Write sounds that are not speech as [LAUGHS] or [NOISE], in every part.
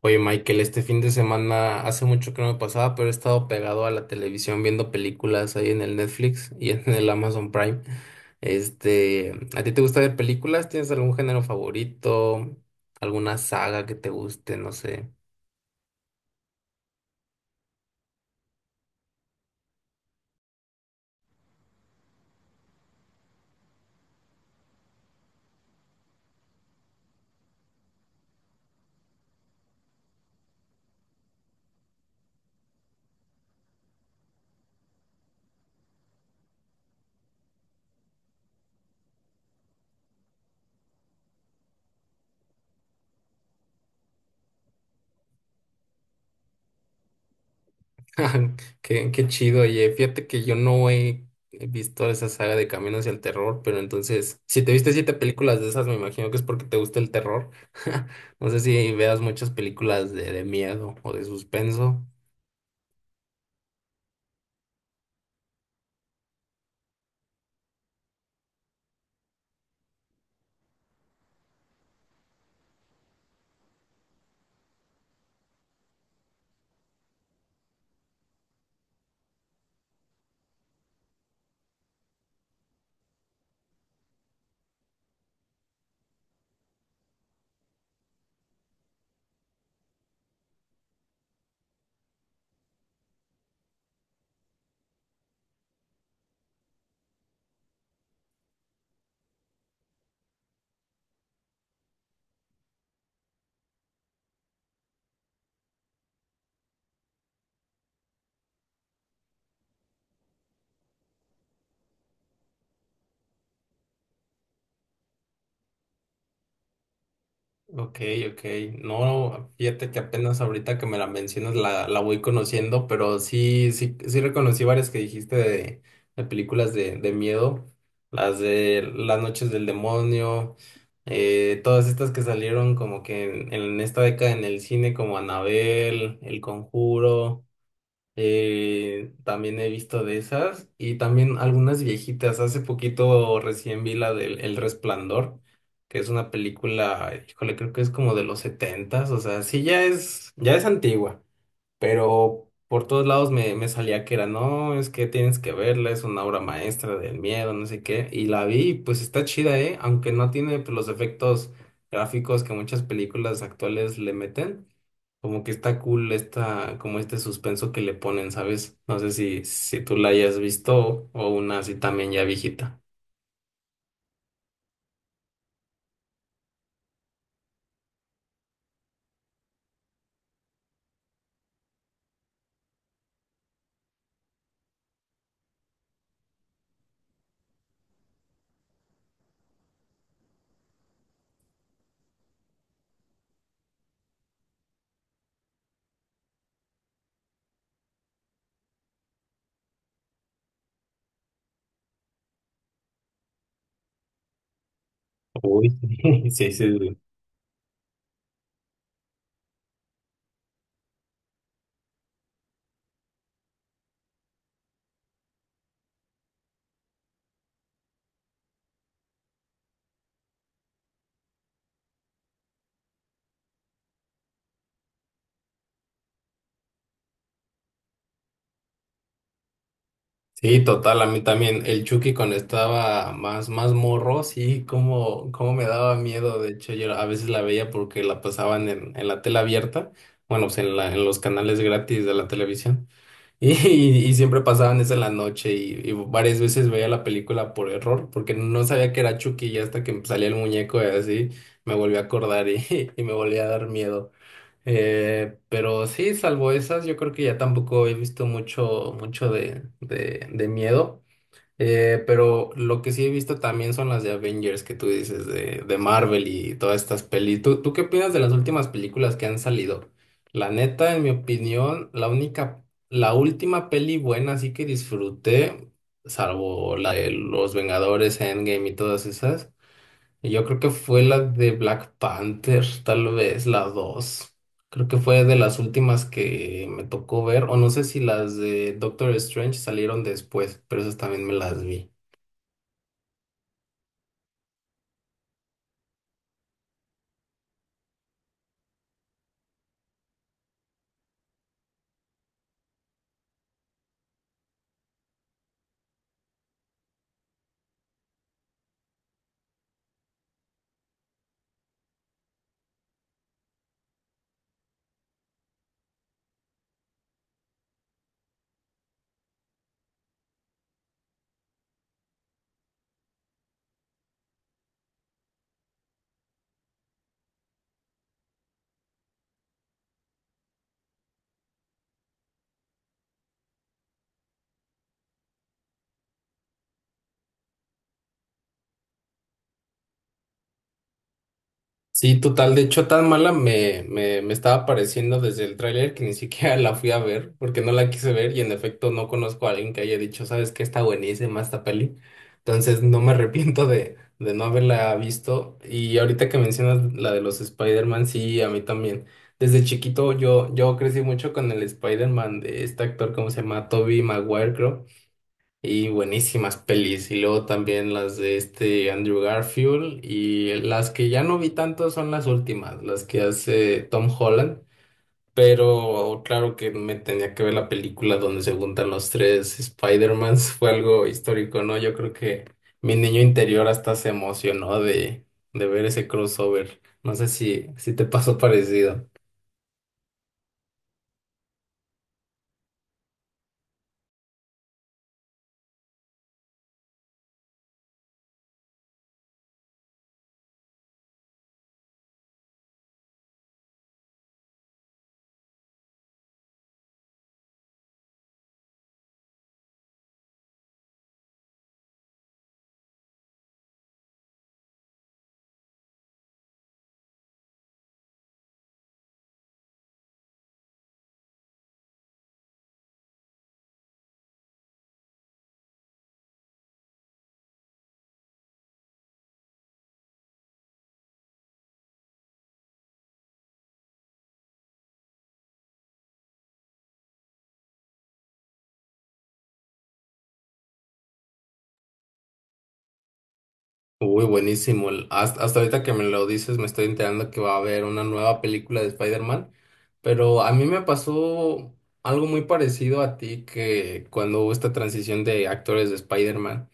Oye, Michael, este fin de semana hace mucho que no me pasaba, pero he estado pegado a la televisión viendo películas ahí en el Netflix y [LAUGHS] en el Amazon Prime. Este, ¿a ti te gusta ver películas? ¿Tienes algún género favorito? ¿Alguna saga que te guste? No sé. [LAUGHS] Qué chido, oye. Fíjate que yo no he visto esa saga de Camino hacia el Terror, pero entonces, si te viste siete películas de esas, me imagino que es porque te gusta el terror. [LAUGHS] No sé si veas muchas películas de miedo o de suspenso. Ok, ok. No, fíjate que apenas ahorita que me la mencionas la voy conociendo, pero sí, sí, sí reconocí varias que dijiste de películas de miedo, las de Las Noches del Demonio, todas estas que salieron como que en esta década en el cine como Anabel, El Conjuro. También he visto de esas y también algunas viejitas. Hace poquito recién vi la del El Resplandor, que es una película, híjole, creo que es como de los setentas, o sea, sí ya es antigua, pero por todos lados me, me salía que era, no, es que tienes que verla, es una obra maestra del miedo, no sé qué, y la vi, y pues está chida, ¿eh? Aunque no tiene pues, los efectos gráficos que muchas películas actuales le meten. Como que está cool esta, como este suspenso que le ponen, ¿sabes? No sé si, si tú la hayas visto o una así también ya viejita. Uy, [LAUGHS] sí, sí, sí. Sí, sí, total, a mí también. El Chucky cuando estaba más, más morro, sí, como, como me daba miedo. De hecho, yo a veces la veía porque la pasaban en la tela abierta, bueno, pues en la, en los canales gratis de la televisión. Y siempre pasaban eso en la noche y varias veces veía la película por error, porque no sabía que era Chucky y hasta que salía el muñeco y así me volví a acordar y, [LAUGHS] y me volví a dar miedo. Pero sí, salvo esas, yo creo que ya tampoco he visto mucho, mucho de miedo. Pero lo que sí he visto también son las de Avengers que tú dices, de Marvel y todas estas pelis. ¿Tú qué opinas de las últimas películas que han salido? La neta, en mi opinión, la única, la última peli buena así que disfruté, salvo la de Los Vengadores, Endgame y todas esas, y yo creo que fue la de Black Panther, tal vez la dos. Creo que fue de las últimas que me tocó ver, o no sé si las de Doctor Strange salieron después, pero esas también me las vi. Sí, total. De hecho, tan mala me, me, me estaba pareciendo desde el tráiler que ni siquiera [LAUGHS] la fui a ver porque no la quise ver y en efecto no conozco a alguien que haya dicho, ¿sabes qué? Está buenísima esta peli. Entonces no me arrepiento de no haberla visto. Y ahorita que mencionas la de los Spider-Man, sí, a mí también. Desde chiquito yo crecí mucho con el Spider-Man de este actor, ¿cómo se llama? Tobey Maguire, creo. Y buenísimas pelis. Y luego también las de este Andrew Garfield. Y las que ya no vi tanto son las últimas, las que hace Tom Holland. Pero claro que me tenía que ver la película donde se juntan los tres Spider-Mans. [LAUGHS] Fue algo histórico, ¿no? Yo creo que mi niño interior hasta se emocionó de ver ese crossover. No sé si, si te pasó parecido. Uy, buenísimo. El- Hasta, hasta ahorita que me lo dices, me estoy enterando que va a haber una nueva película de Spider-Man, pero a mí me pasó algo muy parecido a ti que cuando hubo esta transición de actores de Spider-Man.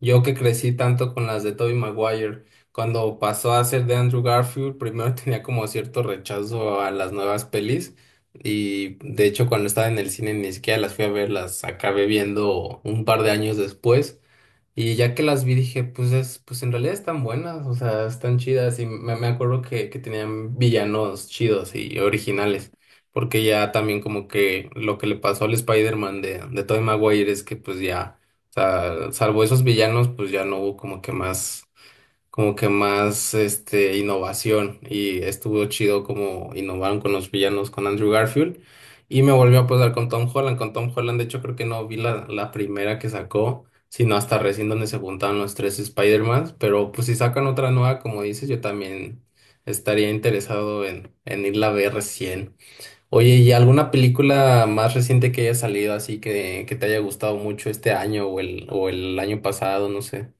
Yo que crecí tanto con las de Tobey Maguire, cuando pasó a ser de Andrew Garfield, primero [LAUGHS] tenía como cierto rechazo a las nuevas pelis y de hecho cuando estaba en el cine ni siquiera las fui a ver, las acabé viendo un par de años después. Y ya que las vi dije, pues es, pues en realidad están buenas, o sea, están chidas. Y me acuerdo que tenían villanos chidos y originales. Porque ya también como que lo que le pasó al Spider-Man de Tobey Maguire es que pues ya, o sea, salvo esos villanos, pues ya no hubo como que más este innovación y estuvo chido como innovaron con los villanos con Andrew Garfield y me volvió a pasar con Tom Holland. Con Tom Holland de hecho creo que no vi la primera que sacó, sino hasta recién donde se juntaron los tres Spider-Man, pero pues si sacan otra nueva como dices, yo también estaría interesado en irla a ver recién. Oye, ¿y alguna película más reciente que haya salido así que te haya gustado mucho este año o el año pasado, no sé?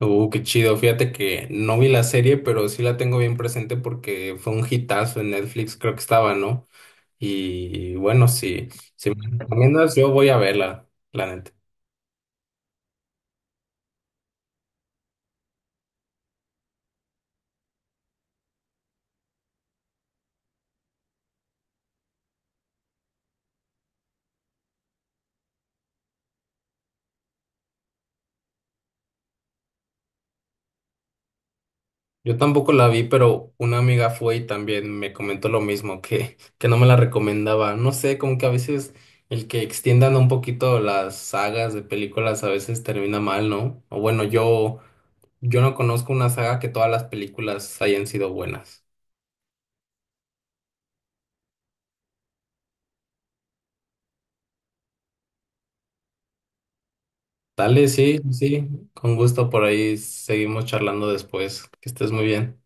Qué chido. Fíjate que no vi la serie, pero sí la tengo bien presente porque fue un hitazo en Netflix, creo que estaba, ¿no? Y bueno, si, si me recomiendas, yo voy a verla, la neta. Yo tampoco la vi, pero una amiga fue y también me comentó lo mismo, que no me la recomendaba. No sé, como que a veces el que extiendan un poquito las sagas de películas a veces termina mal, ¿no? O bueno, yo no conozco una saga que todas las películas hayan sido buenas. Dale, sí, sí, con gusto por ahí seguimos charlando después. Que estés muy bien.